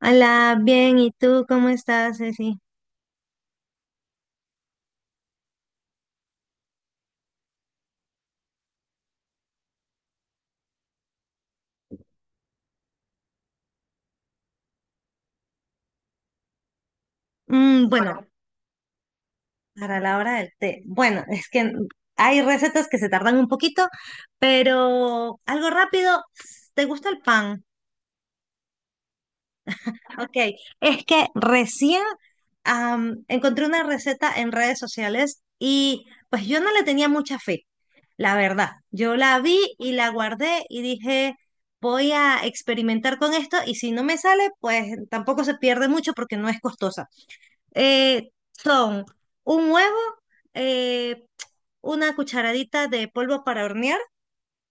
Hola, bien, ¿y tú cómo estás, Ceci? Bueno, para la hora del té. Bueno, es que hay recetas que se tardan un poquito, pero algo rápido. ¿Te gusta el pan? Ok, es que recién encontré una receta en redes sociales y pues yo no le tenía mucha fe, la verdad. Yo la vi y la guardé y dije, voy a experimentar con esto y si no me sale, pues tampoco se pierde mucho porque no es costosa. Son un huevo, eh, una cucharadita de polvo para hornear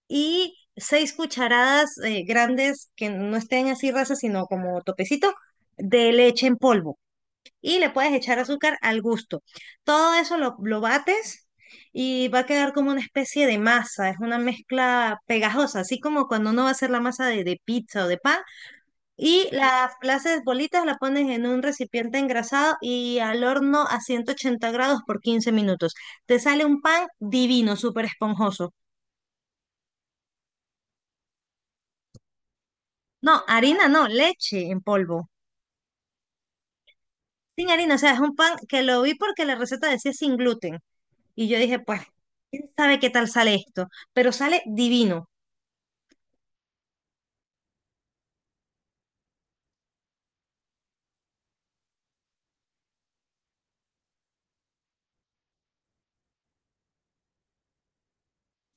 y seis cucharadas grandes que no estén así rasas, sino como topecito, de leche en polvo. Y le puedes echar azúcar al gusto. Todo eso lo bates y va a quedar como una especie de masa. Es una mezcla pegajosa, así como cuando uno va a hacer la masa de pizza o de pan. Y las bolitas las pones en un recipiente engrasado y al horno a 180 grados por 15 minutos. Te sale un pan divino, súper esponjoso. No, harina no, leche en polvo. Sin harina, o sea, es un pan que lo vi porque la receta decía sin gluten. Y yo dije, pues, quién sabe qué tal sale esto, pero sale divino.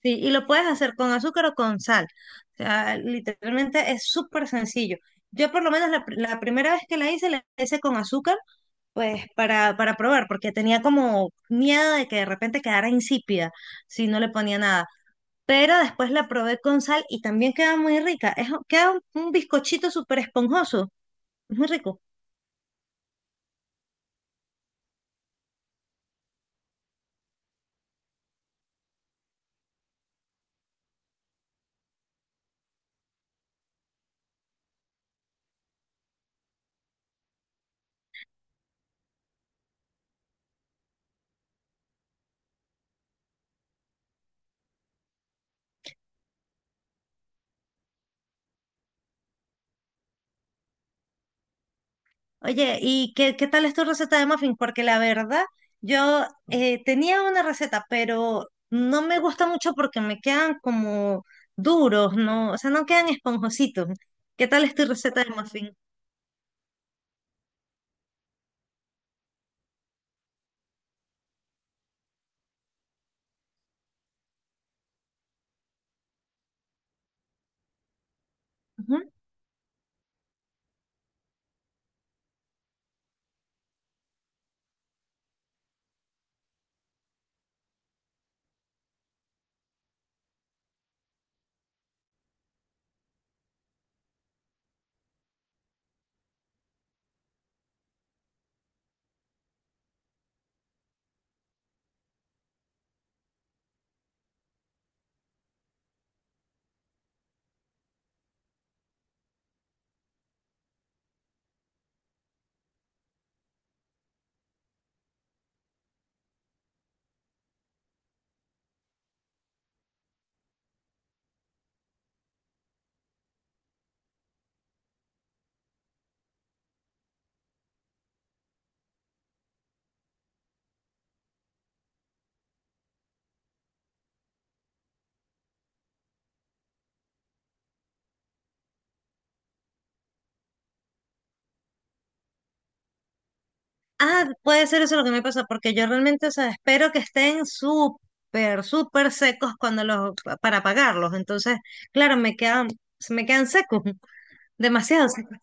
Sí, y lo puedes hacer con azúcar o con sal. O sea, literalmente es súper sencillo. Yo por lo menos la primera vez que la hice con azúcar. Pues para probar, porque tenía como miedo de que de repente quedara insípida si no le ponía nada. Pero después la probé con sal y también queda muy rica. Es, queda un bizcochito súper esponjoso. Es muy rico. Oye, ¿y qué tal es tu receta de muffin? Porque la verdad, yo tenía una receta, pero no me gusta mucho porque me quedan como duros, ¿no? O sea, no quedan esponjositos. ¿Qué tal es tu receta de muffin? Ah, puede ser eso lo que me pasa, porque yo realmente, o sea, espero que estén súper, súper secos cuando para pagarlos. Entonces, claro, me quedan, se me quedan secos, demasiado secos.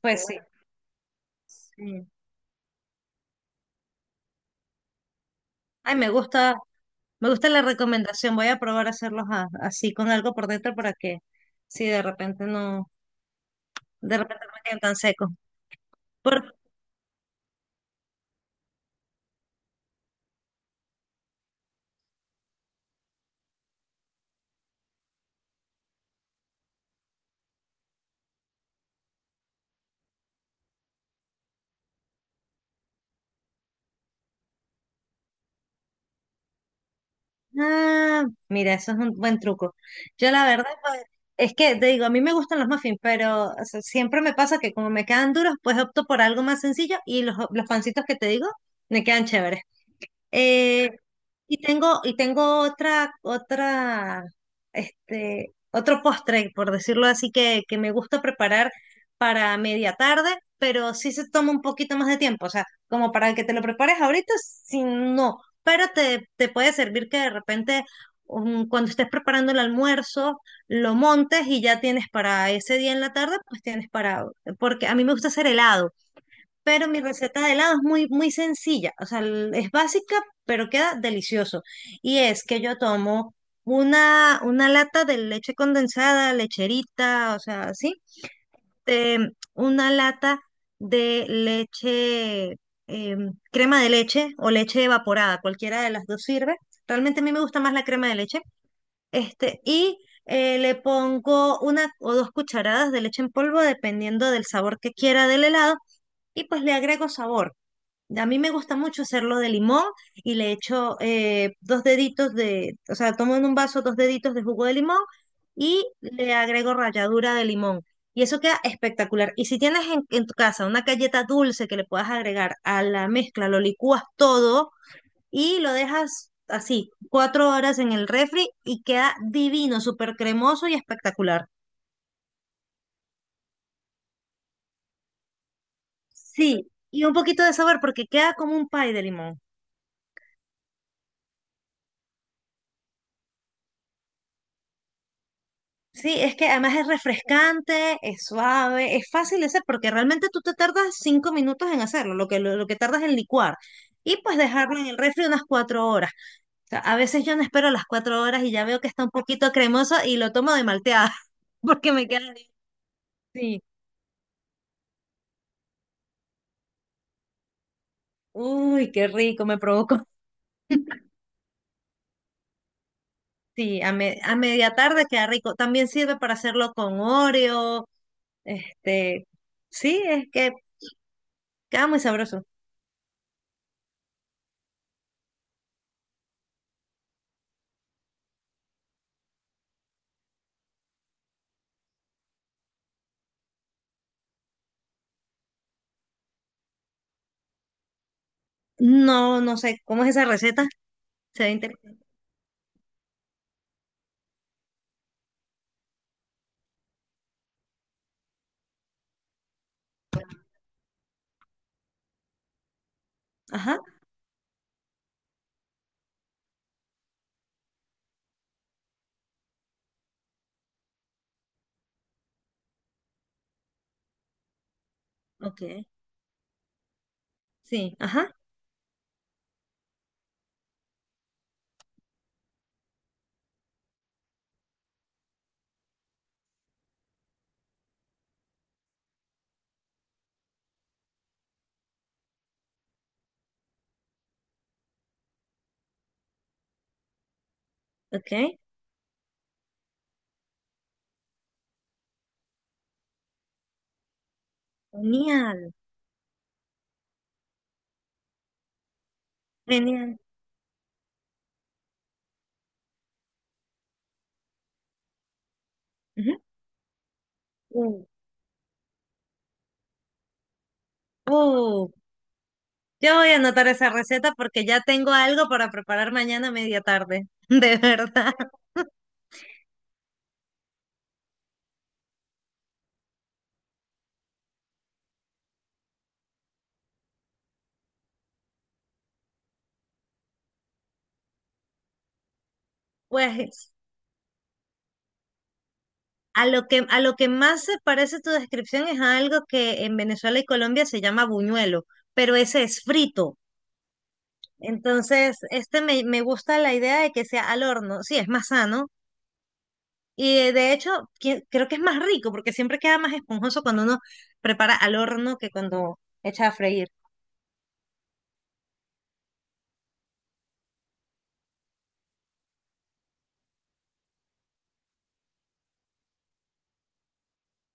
Pues sí. Sí. Ay, me gusta la recomendación. Voy a probar a hacerlos así con algo por dentro para que, si de repente no, de repente no me queden tan secos. Ah, mira, eso es un buen truco. Yo la verdad, pues, es que te digo, a mí me gustan los muffins, pero o sea, siempre me pasa que como me quedan duros, pues opto por algo más sencillo y los pancitos que te digo me quedan chéveres. Eh, y tengo este, otro postre, por decirlo así, que me gusta preparar para media tarde, pero sí se toma un poquito más de tiempo. O sea, como para que te lo prepares ahorita, si no. Pero te puede servir que de repente, cuando estés preparando el almuerzo, lo montes y ya tienes para ese día en la tarde, pues tienes para, porque a mí me gusta hacer helado. Pero mi receta de helado es muy, muy sencilla, o sea, es básica, pero queda delicioso. Y es que yo tomo una lata de leche condensada, lecherita, o sea, así, una lata de leche, crema de leche o leche evaporada, cualquiera de las dos sirve. Realmente a mí me gusta más la crema de leche, este, y le pongo una o dos cucharadas de leche en polvo, dependiendo del sabor que quiera del helado, y pues le agrego sabor. A mí me gusta mucho hacerlo de limón y le echo dos deditos de, o sea, tomo en un vaso dos deditos de jugo de limón y le agrego ralladura de limón. Y eso queda espectacular. Y si tienes en tu casa una galleta dulce que le puedas agregar a la mezcla, lo licúas todo y lo dejas así, 4 horas en el refri y queda divino, súper cremoso y espectacular. Sí, y un poquito de sabor porque queda como un pie de limón. Sí, es que además es refrescante, es suave, es fácil de hacer porque realmente tú te tardas 5 minutos en hacerlo, lo que tardas en licuar. Y pues dejarlo en el refri unas 4 horas. O sea, a veces yo no espero las 4 horas y ya veo que está un poquito cremoso y lo tomo de malteada porque me queda bien. Sí, uy, qué rico, me provocó. Sí, a, me- a media tarde queda rico. También sirve para hacerlo con Oreo. Este, sí, es que queda muy sabroso. No, no sé, ¿cómo es esa receta? Se ve interesante. Ajá, ok. Sí, ajá, ok. Genial, genial. Ujú. Uh, uh, yo voy a anotar esa receta porque ya tengo algo para preparar mañana a media tarde, de verdad. Pues a lo que más se parece tu descripción es a algo que en Venezuela y Colombia se llama buñuelo, pero ese es frito. Entonces, este me gusta la idea de que sea al horno. Sí, es más sano. Y de hecho, creo que es más rico porque siempre queda más esponjoso cuando uno prepara al horno que cuando echa a freír.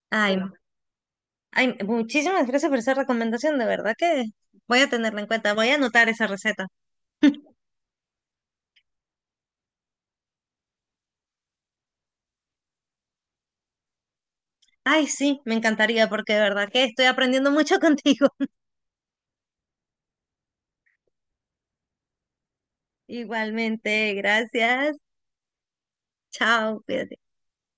Ay, claro. Ay, muchísimas gracias por esa recomendación, de verdad que voy a tenerla en cuenta, voy a anotar esa receta. Ay, sí, me encantaría porque de verdad que estoy aprendiendo mucho contigo. Igualmente, gracias. Chao, cuídate.